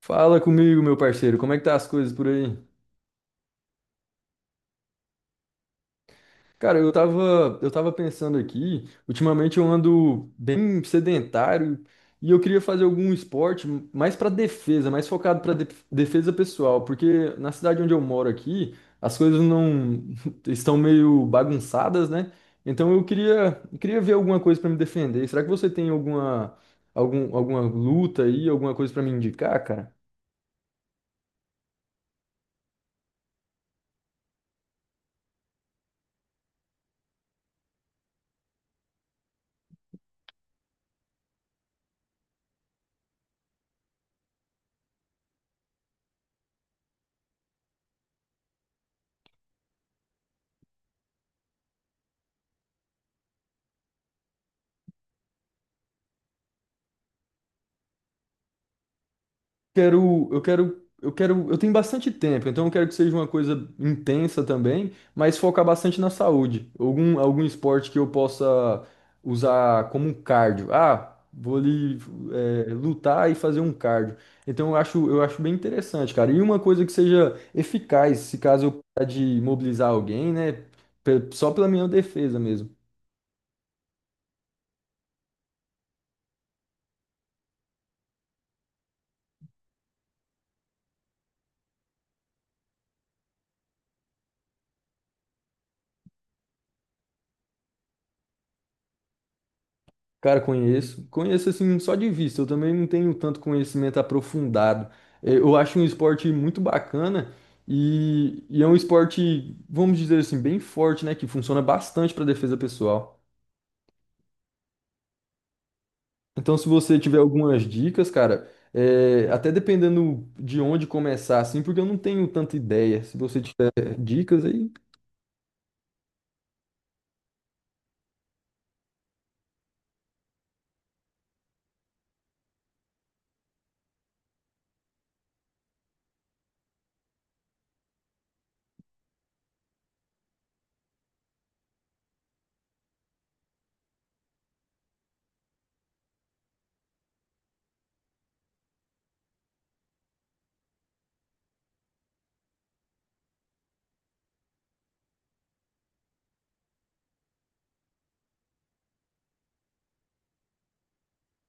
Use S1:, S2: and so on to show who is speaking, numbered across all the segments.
S1: Fala comigo, meu parceiro, como é que tá as coisas por aí? Cara, eu tava pensando aqui, ultimamente eu ando bem sedentário e eu queria fazer algum esporte mais pra defesa, mais focado pra defesa pessoal, porque na cidade onde eu moro aqui, as coisas não estão meio bagunçadas, né? Então eu queria ver alguma coisa pra me defender. Será que você tem alguma luta aí, alguma coisa pra me indicar, cara? Quero, eu quero, eu tenho bastante tempo, então eu quero que seja uma coisa intensa também, mas focar bastante na saúde. Algum esporte que eu possa usar como um cardio. Ah, vou ali, lutar e fazer um cardio. Então eu acho bem interessante, cara. E uma coisa que seja eficaz, se caso eu precisar de mobilizar alguém, né? Só pela minha defesa mesmo. Cara, conheço. Conheço assim só de vista. Eu também não tenho tanto conhecimento aprofundado. Eu acho um esporte muito bacana e é um esporte, vamos dizer assim, bem forte, né? Que funciona bastante para defesa pessoal. Então, se você tiver algumas dicas, cara, até dependendo de onde começar, assim, porque eu não tenho tanta ideia. Se você tiver dicas aí.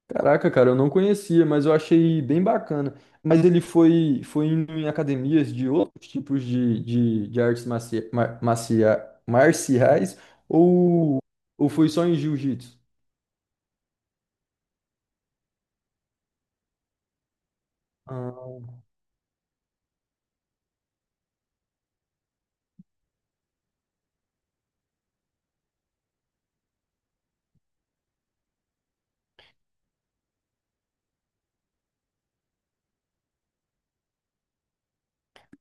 S1: Caraca, cara, eu não conhecia, mas eu achei bem bacana. Mas ele foi, foi indo em academias de outros tipos de artes marcia, mar- marcia- marciais ou, ou foi só em jiu-jitsu? Ah.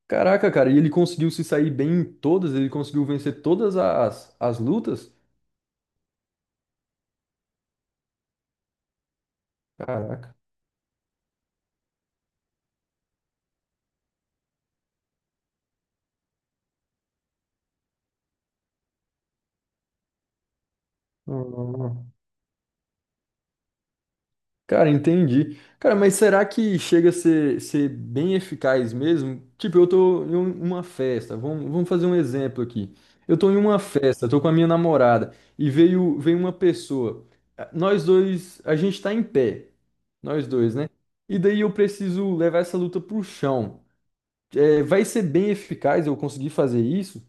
S1: Caraca, cara, e ele conseguiu se sair bem em todas? Ele conseguiu vencer todas as lutas? Caraca. Cara, entendi. Cara, mas será que chega a ser bem eficaz mesmo? Tipo, eu tô em uma festa, vamos fazer um exemplo aqui. Eu tô em uma festa, tô com a minha namorada, e veio uma pessoa. Ah, nós dois, a gente tá em pé, nós dois, né? E daí eu preciso levar essa luta pro chão. É, vai ser bem eficaz eu conseguir fazer isso?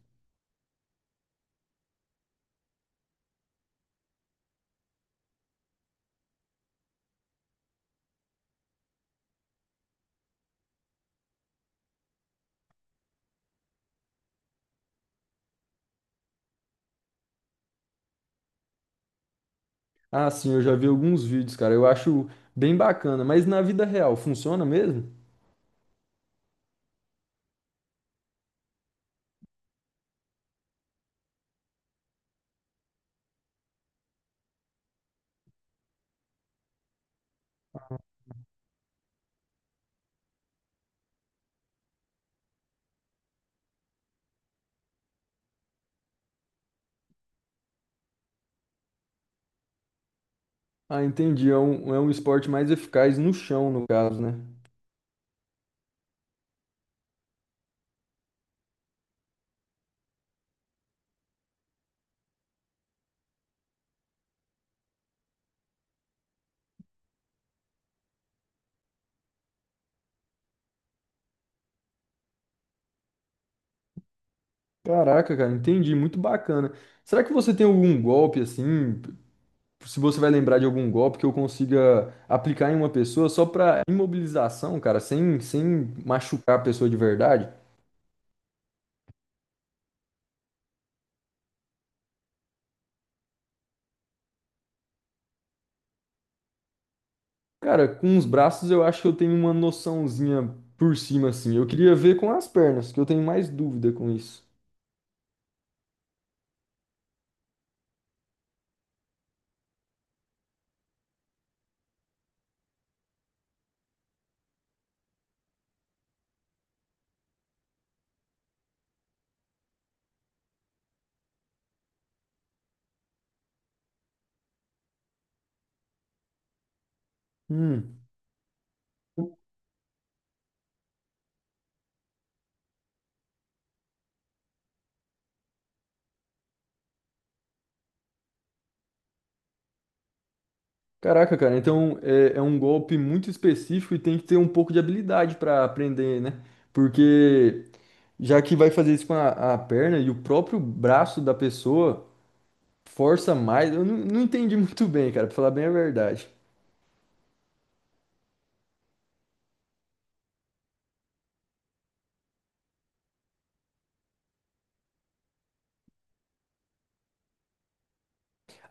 S1: Ah, sim, eu já vi alguns vídeos, cara, eu acho bem bacana, mas na vida real, funciona mesmo? Ah, entendi. É é um esporte mais eficaz no chão, no caso, né? Caraca, cara, entendi. Muito bacana. Será que você tem algum golpe assim? Se você vai lembrar de algum golpe que eu consiga aplicar em uma pessoa só pra imobilização, cara, sem machucar a pessoa de verdade? Cara, com os braços eu acho que eu tenho uma noçãozinha por cima, assim. Eu queria ver com as pernas, que eu tenho mais dúvida com isso. Hum. Caraca, cara, então é um golpe muito específico e tem que ter um pouco de habilidade para aprender, né? Porque já que vai fazer isso com a perna e o próprio braço da pessoa força mais, eu não, não entendi muito bem, cara, pra falar bem a verdade.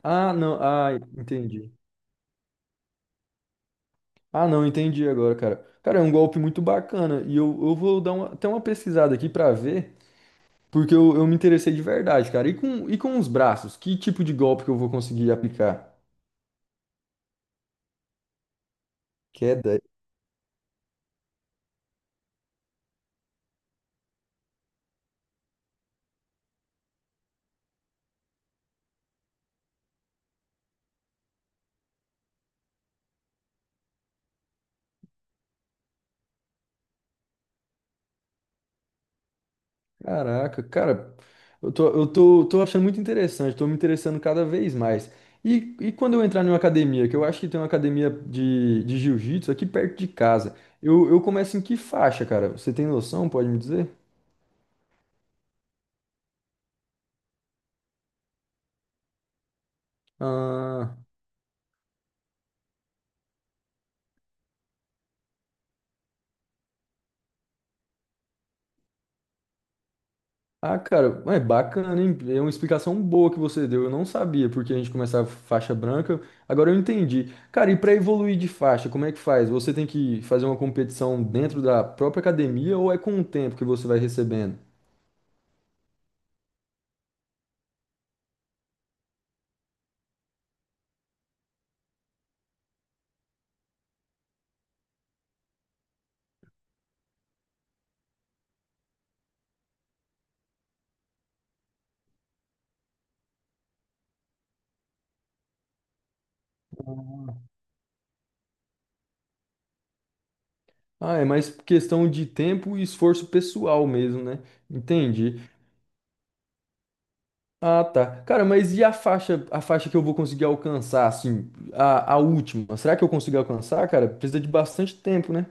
S1: Ah, não, ah, entendi. Ah, não, entendi agora, cara. Cara, é um golpe muito bacana e eu vou dar até uma pesquisada aqui pra ver, porque eu me interessei de verdade, cara. E com os braços, que tipo de golpe que eu vou conseguir aplicar? Queda? Caraca, cara, tô achando muito interessante, tô me interessando cada vez mais. E quando eu entrar numa academia, que eu acho que tem uma academia de jiu-jitsu aqui perto de casa, eu começo em que faixa, cara? Você tem noção, pode me dizer? Ah, ah, cara, é bacana, hein? É uma explicação boa que você deu. Eu não sabia porque a gente começava faixa branca. Agora eu entendi. Cara, e para evoluir de faixa, como é que faz? Você tem que fazer uma competição dentro da própria academia ou é com o tempo que você vai recebendo? Ah, é mais questão de tempo e esforço pessoal mesmo, né? Entendi. Ah, tá. Cara, mas e a faixa que eu vou conseguir alcançar, assim, a última? Será que eu consigo alcançar, cara? Precisa de bastante tempo, né?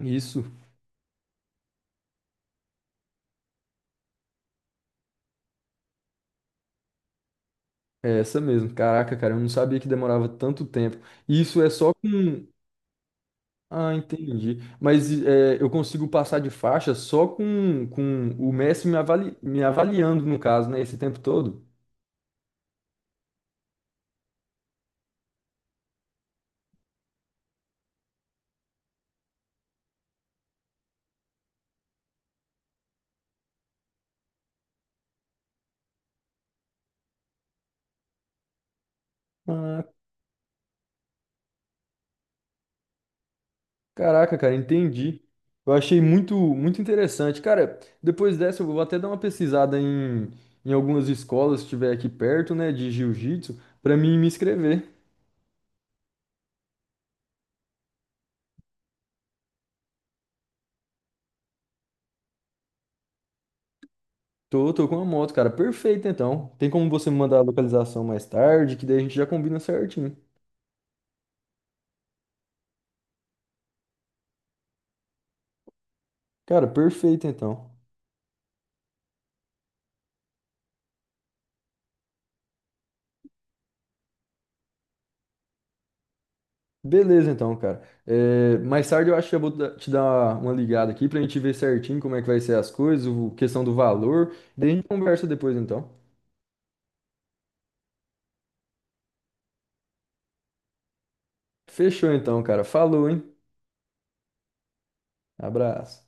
S1: Isso, é essa mesmo. Caraca, cara, eu não sabia que demorava tanto tempo. E isso é só com. Ah, entendi. Mas é, eu consigo passar de faixa só com o mestre me me avaliando, no caso, né? Esse tempo todo? Ah, caraca, cara, entendi. Eu achei muito interessante. Cara, depois dessa eu vou até dar uma pesquisada em, em algumas escolas, se tiver aqui perto, né, de jiu-jitsu, pra mim me inscrever. Tô, tô com a moto, cara. Perfeito, então. Tem como você me mandar a localização mais tarde, que daí a gente já combina certinho. Cara, perfeito, então. Beleza, então, cara. É, mais tarde eu acho que eu vou te dar uma ligada aqui pra gente ver certinho como é que vai ser as coisas, questão do valor. Daí a gente conversa depois, então. Fechou, então, cara. Falou, hein? Abraço.